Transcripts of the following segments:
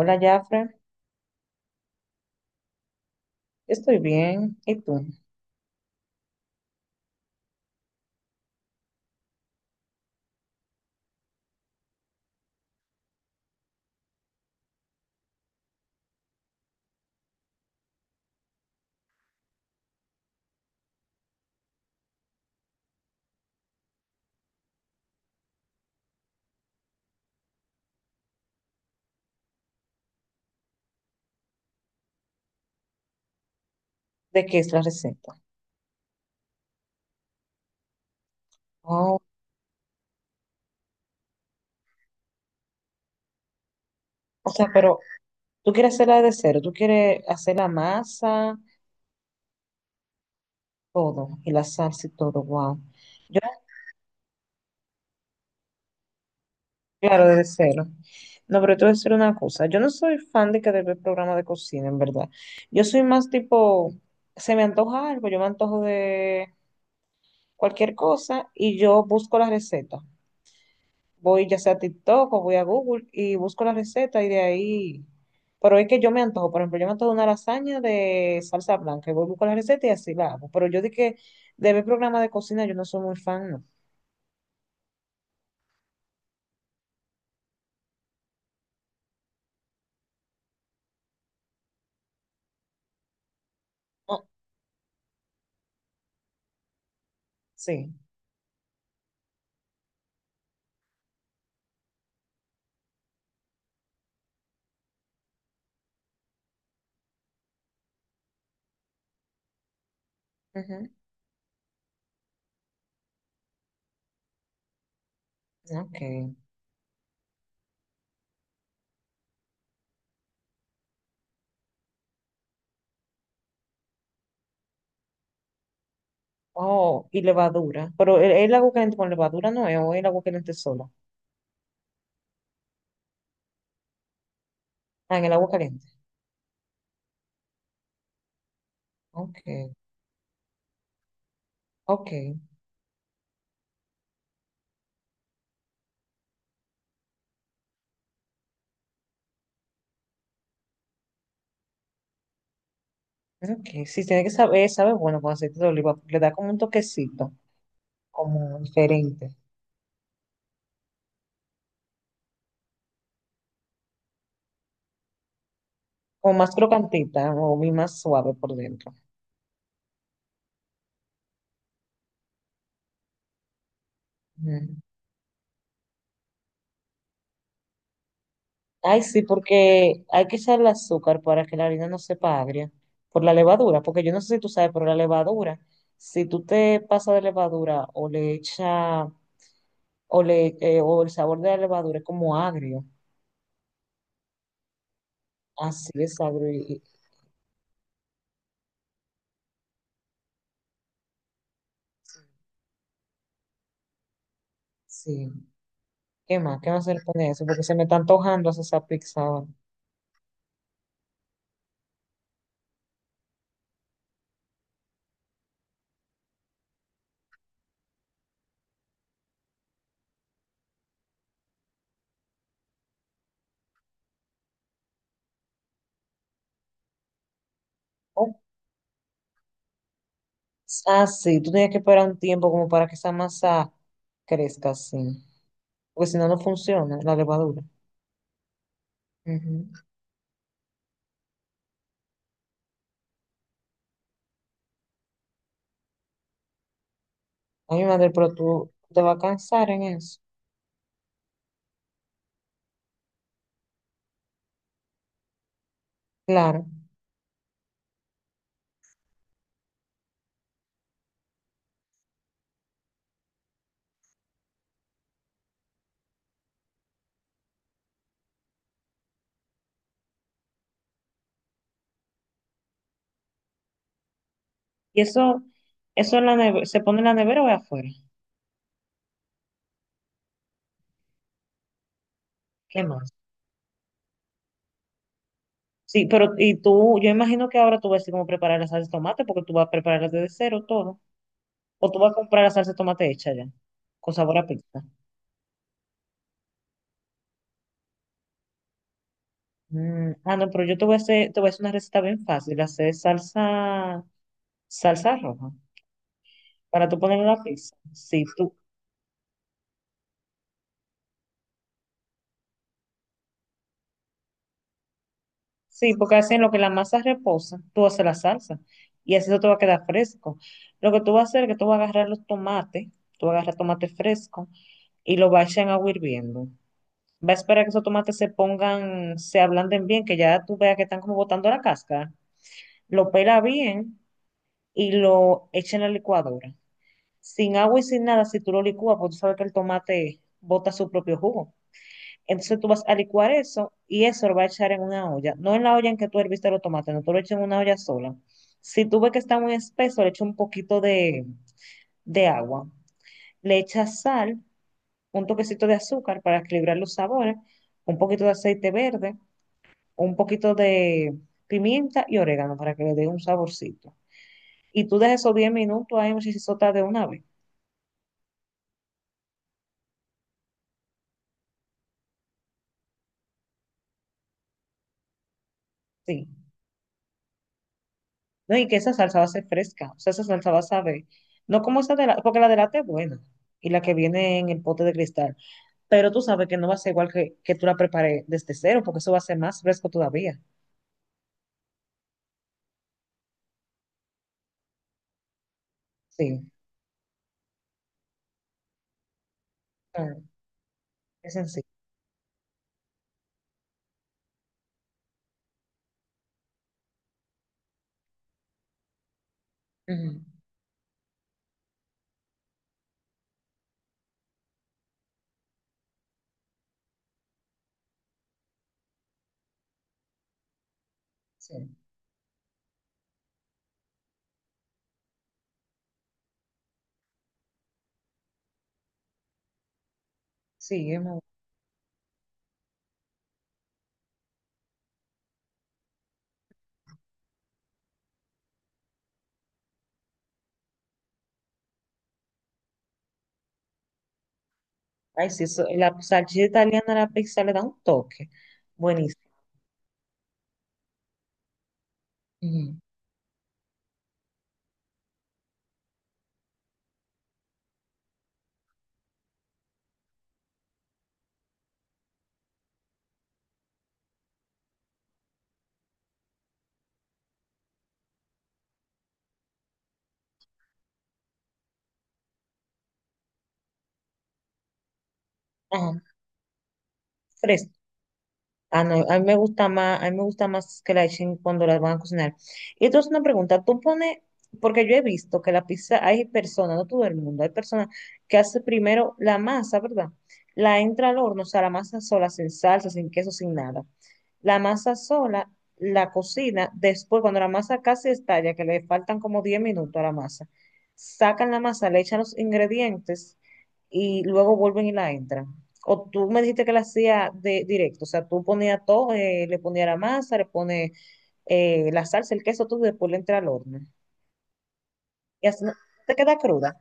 Hola, Jafre. Estoy bien. ¿Y tú? ¿De qué es la receta? Oh, o sea, pero tú quieres hacerla de cero, tú quieres hacer la masa, todo, y la salsa y todo, wow. Yo, claro, de cero. No, pero te voy a decir una cosa. Yo no soy fan de que de ver programa de cocina, en verdad. Yo soy más tipo, se me antoja algo, yo me antojo de cualquier cosa y yo busco la receta. Voy ya sea a TikTok o voy a Google y busco la receta y de ahí, pero es que yo me antojo, por ejemplo, yo me antojo una lasaña de salsa blanca y voy a buscar la receta y así la hago, pero yo di que de ver programa de cocina yo no soy muy fan, no. Oh, sí. Ujú. Ok. Oh, y levadura, pero el agua caliente con levadura no es, o el agua caliente sola. Ah, en el agua caliente. Ok, ok, ok. Sí, tiene que saber, sabe bueno con aceite de oliva, porque le da como un toquecito, como diferente. ¿O más crocantita? ¿No? O bien más suave por dentro. Mm. Ay, sí, porque hay que echarle azúcar para que la harina no sepa agria por la levadura, porque yo no sé si tú sabes, pero la levadura, si tú te pasas de levadura o le echa o le o el sabor de la levadura es como agrio, así es agrio sí. ¿Qué más? ¿Qué más se le pone a eso? Porque se me está antojando hacer esa pizza ahora. Oh. Ah, sí, tú tienes que esperar un tiempo como para que esa masa crezca así, porque si no, no funciona la levadura. Ujú. Ay, mi madre, pero tú te vas a cansar en eso. Claro. Y eso en la neve- se pone en la nevera o es afuera. ¿Qué más? Sí, pero y tú, yo imagino que ahora tú vas a decir cómo preparar la salsa de tomate, porque tú vas a prepararla desde cero todo. O tú vas a comprar la salsa de tomate hecha ya, con sabor a pizza. Mm, ah, no, pero yo te voy a hacer una receta bien fácil, hacer salsa, salsa roja. Para tú poner una pizza. Sí, sí, porque así en lo que la masa reposa, tú haces la salsa y así eso te va a quedar fresco. Lo que tú vas a hacer es que tú vas a agarrar los tomates, tú vas a agarrar tomate fresco y lo vas a echar en agua hirviendo. Va a esperar que esos tomates se pongan, se ablanden bien, que ya tú veas que están como botando la cáscara. Lo pela bien y lo echa en la licuadora. Sin agua y sin nada, si tú lo licúas, pues tú sabes que el tomate bota su propio jugo. Entonces tú vas a licuar eso y eso lo vas a echar en una olla. No en la olla en que tú herviste los tomates, no, tú lo echas en una olla sola. Si tú ves que está muy espeso, le echas un poquito de agua. Le echas sal, un toquecito de azúcar para equilibrar los sabores, un poquito de aceite verde, un poquito de pimienta y orégano para que le dé un saborcito. Y tú dejas esos 10 minutos ahí, muchachos, de una vez. Sí. No, y que esa salsa va a ser fresca. O sea, esa salsa va a saber. No como esa de la, porque la de lata es buena. Y la que viene en el pote de cristal. Pero tú sabes que no va a ser igual que tú la prepares desde cero, porque eso va a ser más fresco todavía. Sí. Ah, es sencillo. Ujú. Sí. Sí, es muy... Ay, sí, eso, la salchicha italiana a la pizza le da un toque. Buenísimo. Ujú. Ajá. Fresco. Ah, no, a mí me gusta más que la echen cuando las van a cocinar. Y entonces una pregunta, porque yo he visto que la pizza, hay personas, no todo el mundo, hay personas que hace primero la masa, ¿verdad? La entra al horno, o sea, la masa sola, sin salsa, sin queso, sin nada, la masa sola, la cocina, después cuando la masa casi estalla, que le faltan como 10 minutos a la masa, sacan la masa, le echan los ingredientes y luego vuelven y la entran. O tú me dijiste que la hacía de directo, o sea, tú ponías todo, le ponías la masa, le pones la salsa, el queso, todo y después le entra al horno. Y así no- te queda cruda.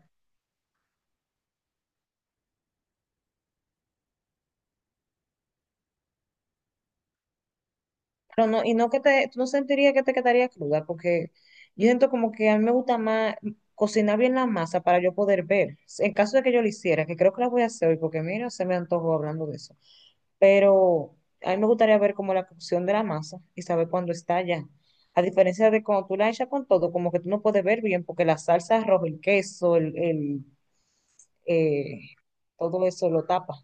Pero no, tú no sentirías que te quedaría cruda, porque yo siento como que a mí me gusta más cocinar bien la masa para yo poder ver. En caso de que yo lo hiciera, que creo que la voy a hacer hoy, porque mira, se me antojó hablando de eso. Pero a mí me gustaría ver como la cocción de la masa y saber cuándo está ya. A diferencia de cuando tú la echas con todo, como que tú no puedes ver bien, porque la salsa roja, el queso, eh, todo eso lo tapa.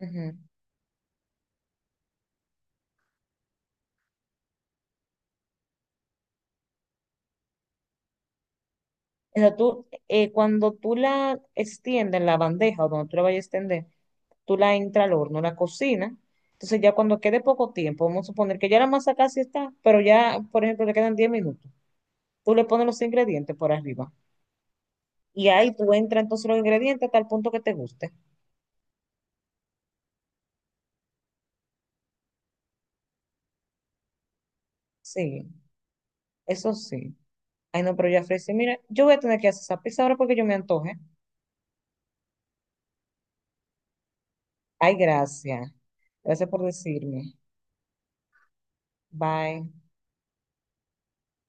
Ujú. O sea, cuando tú la extiendes en la bandeja o donde tú la vayas a extender, tú la entras al horno, la cocinas. Entonces ya cuando quede poco tiempo, vamos a suponer que ya la masa casi está, pero ya, por ejemplo, le quedan 10 minutos. Tú le pones los ingredientes por arriba. Y ahí tú entras entonces los ingredientes hasta el punto que te guste. Sí, eso sí. Ay, no, pero ya ofrecí, mira, yo voy a tener que hacer esa pizza ahora porque yo me antoje. Ay, gracias. Gracias por decirme. Bye.